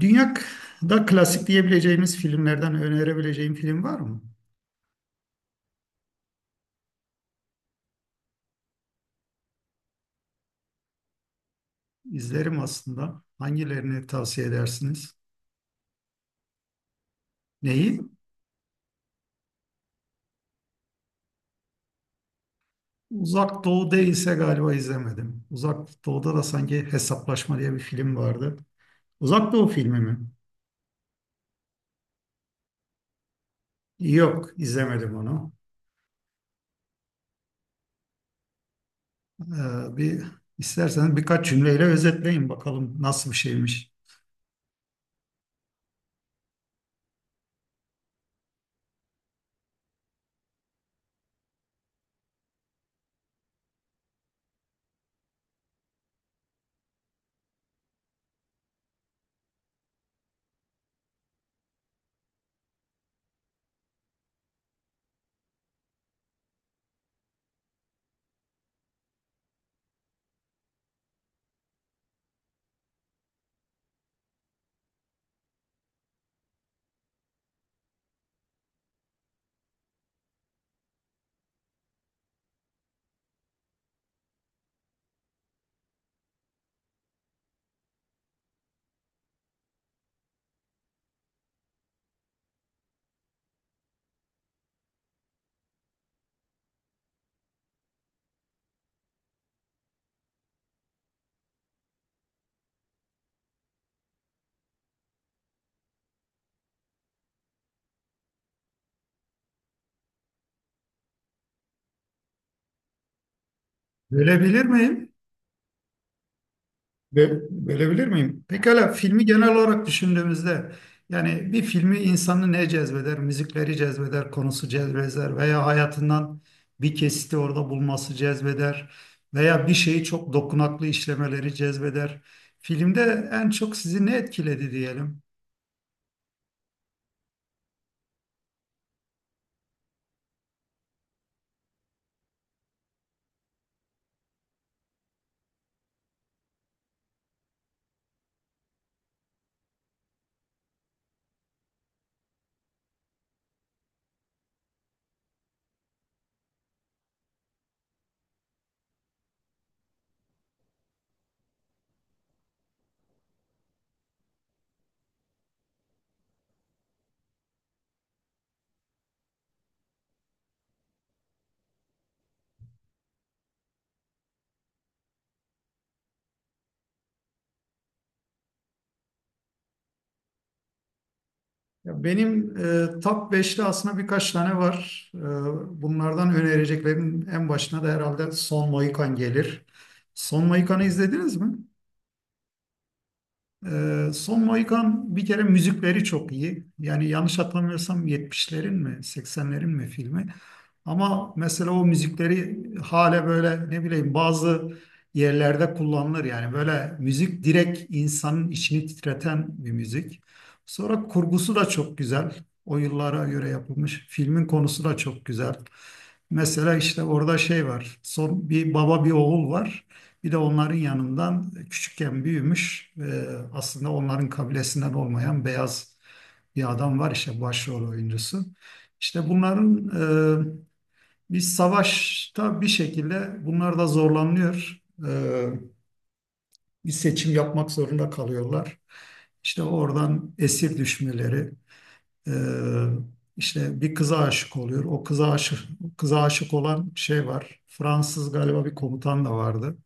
Dünyada klasik diyebileceğimiz filmlerden önerebileceğim film var mı? İzlerim aslında. Hangilerini tavsiye edersiniz? Neyi? Uzak Doğu değilse galiba izlemedim. Uzak Doğu'da da sanki Hesaplaşma diye bir film vardı. Uzak Doğu filmi mi? Yok, izlemedim onu. Bir isterseniz birkaç cümleyle özetleyin bakalım nasıl bir şeymiş. Görebilir miyim? Verebilir miyim? Pekala, filmi genel olarak düşündüğümüzde yani bir filmi insanı ne cezbeder? Müzikleri cezbeder, konusu cezbeder veya hayatından bir kesiti orada bulması cezbeder veya bir şeyi çok dokunaklı işlemeleri cezbeder. Filmde en çok sizi ne etkiledi diyelim? Ya benim top 5'te aslında birkaç tane var. Bunlardan önereceklerim en başına da herhalde Son Mohikan gelir. Son Mohikan'ı izlediniz mi? Son Mohikan bir kere müzikleri çok iyi. Yani yanlış hatırlamıyorsam 70'lerin mi 80'lerin mi filmi. Ama mesela o müzikleri hala böyle, ne bileyim, bazı yerlerde kullanılır. Yani böyle müzik, direkt insanın içini titreten bir müzik. Sonra kurgusu da çok güzel. O yıllara göre yapılmış. Filmin konusu da çok güzel. Mesela işte orada şey var. Son bir baba bir oğul var. Bir de onların yanından küçükken büyümüş, aslında onların kabilesinden olmayan beyaz bir adam var, işte başrol oyuncusu. İşte bunların e, bir savaşta bir şekilde bunlar da zorlanıyor. E, Bir seçim yapmak zorunda kalıyorlar. İşte oradan esir düşmeleri, e, işte bir kıza aşık oluyor. O kıza aşık, kıza aşık olan şey var. Fransız galiba bir komutan da vardı.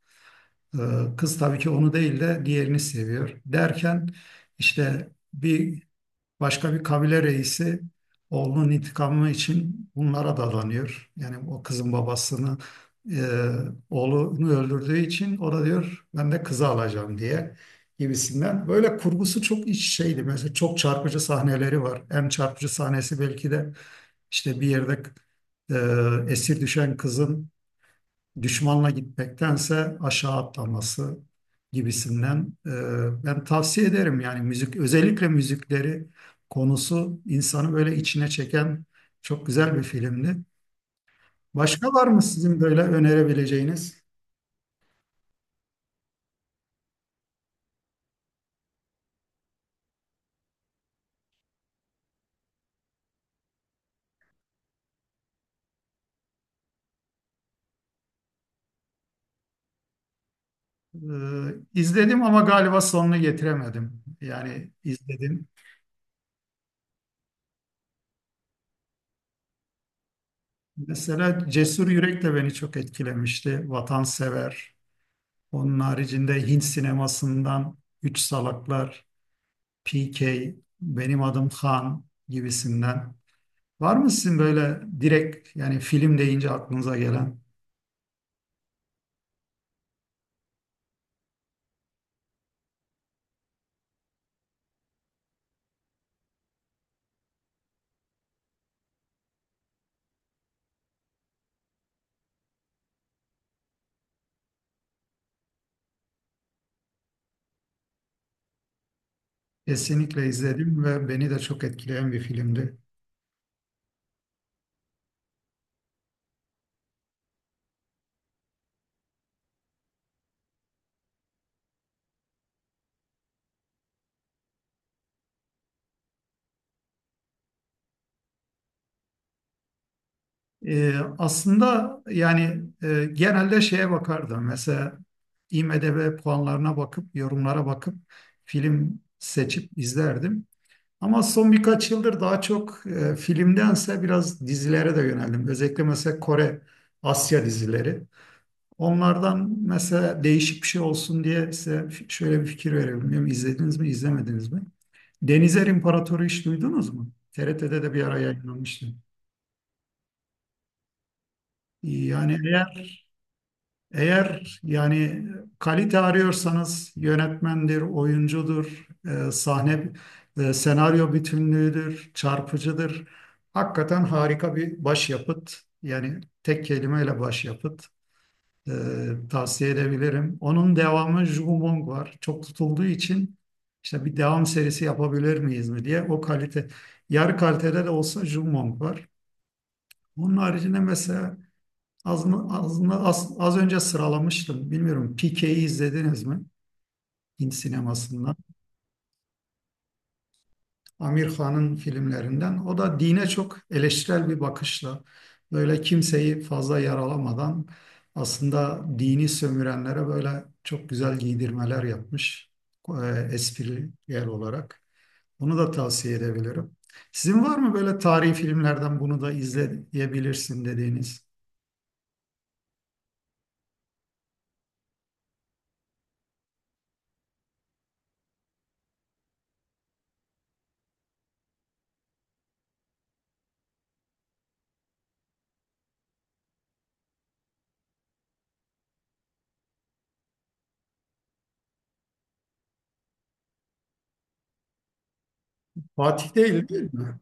Kız tabii ki onu değil de diğerini seviyor. Derken işte bir başka bir kabile reisi oğlunun intikamı için bunlara dadanıyor. Yani o kızın babasını, e, oğlunu öldürdüğü için o da diyor ben de kızı alacağım diye, gibisinden. Böyle kurgusu çok iç şeydi. Mesela çok çarpıcı sahneleri var. En çarpıcı sahnesi belki de işte bir yerde esir düşen kızın düşmanla gitmektense aşağı atlaması gibisinden. Ben tavsiye ederim yani. Müzik, özellikle müzikleri, konusu insanı böyle içine çeken çok güzel bir filmdi. Başka var mı sizin böyle önerebileceğiniz? E, izledim ama galiba sonunu getiremedim. Yani izledim. Mesela Cesur Yürek de beni çok etkilemişti. Vatansever. Onun haricinde Hint sinemasından Üç Salaklar, PK, benim adım Han gibisinden. Var mı sizin böyle direkt yani film deyince aklınıza gelen? Kesinlikle izledim ve beni de çok etkileyen bir filmdi. Aslında yani genelde şeye bakardım. Mesela IMDb puanlarına bakıp, yorumlara bakıp film seçip izlerdim. Ama son birkaç yıldır daha çok filmdense biraz dizilere de yöneldim. Özellikle mesela Kore, Asya dizileri. Onlardan mesela değişik bir şey olsun diye size şöyle bir fikir verelim. Bilmiyorum, izlediniz mi, izlemediniz mi? Denizer İmparatoru hiç duydunuz mu? TRT'de de bir ara yayınlanmıştı. Yani eğer yani kalite arıyorsanız yönetmendir, oyuncudur, sahne, senaryo bütünlüğüdür, çarpıcıdır. Hakikaten harika bir başyapıt. Yani tek kelimeyle başyapıt. E, Tavsiye edebilirim. Onun devamı Jugumong var. Çok tutulduğu için işte bir devam serisi yapabilir miyiz mi diye, o kalite yarı kalitede de olsa, Jugumong var. Onun haricinde mesela az önce sıralamıştım. Bilmiyorum, PK'yi izlediniz mi? Hint sinemasından. Amir Khan'ın filmlerinden. O da dine çok eleştirel bir bakışla, böyle kimseyi fazla yaralamadan, aslında dini sömürenlere böyle çok güzel giydirmeler yapmış, esprili yer olarak. Onu da tavsiye edebilirim. Sizin var mı böyle tarihi filmlerden bunu da izleyebilirsin dediğiniz? Fatih değil, değil mi?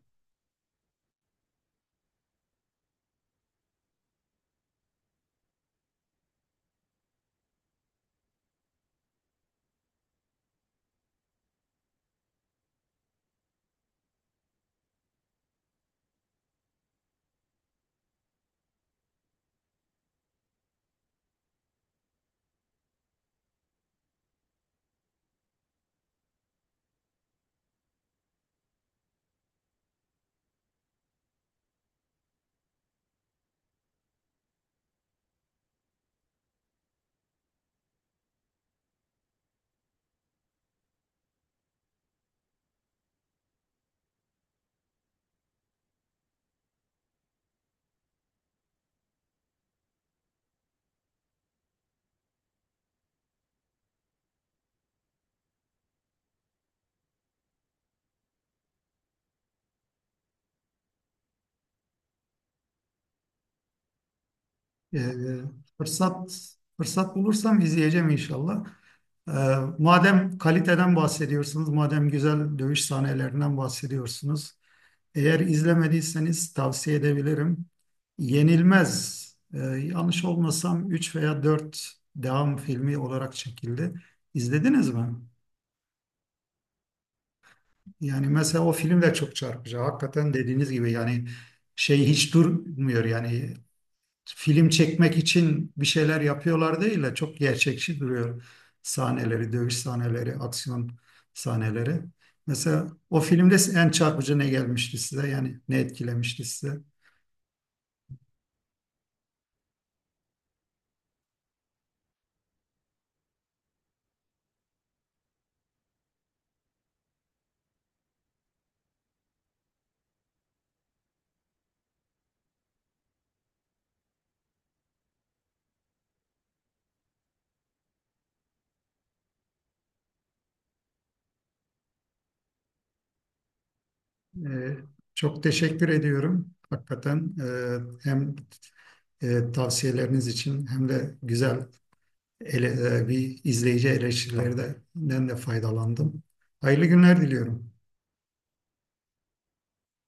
Ee, fırsat fırsat bulursam izleyeceğim inşallah. Ee, Madem kaliteden bahsediyorsunuz, madem güzel dövüş sahnelerinden bahsediyorsunuz, eğer izlemediyseniz tavsiye edebilirim. Yenilmez, yanlış olmasam 3 veya 4 devam filmi olarak çekildi. İzlediniz mi? Yani mesela o film de çok çarpıcı. Hakikaten dediğiniz gibi yani şey hiç durmuyor yani. Film çekmek için bir şeyler yapıyorlar değil de, çok gerçekçi duruyor sahneleri, dövüş sahneleri, aksiyon sahneleri. Mesela o filmde en çarpıcı ne gelmişti size? Yani ne etkilemişti size? Ee, Çok teşekkür ediyorum. Hakikaten hem tavsiyeleriniz için, hem de güzel bir izleyici eleştirilerinden de faydalandım. Hayırlı günler diliyorum.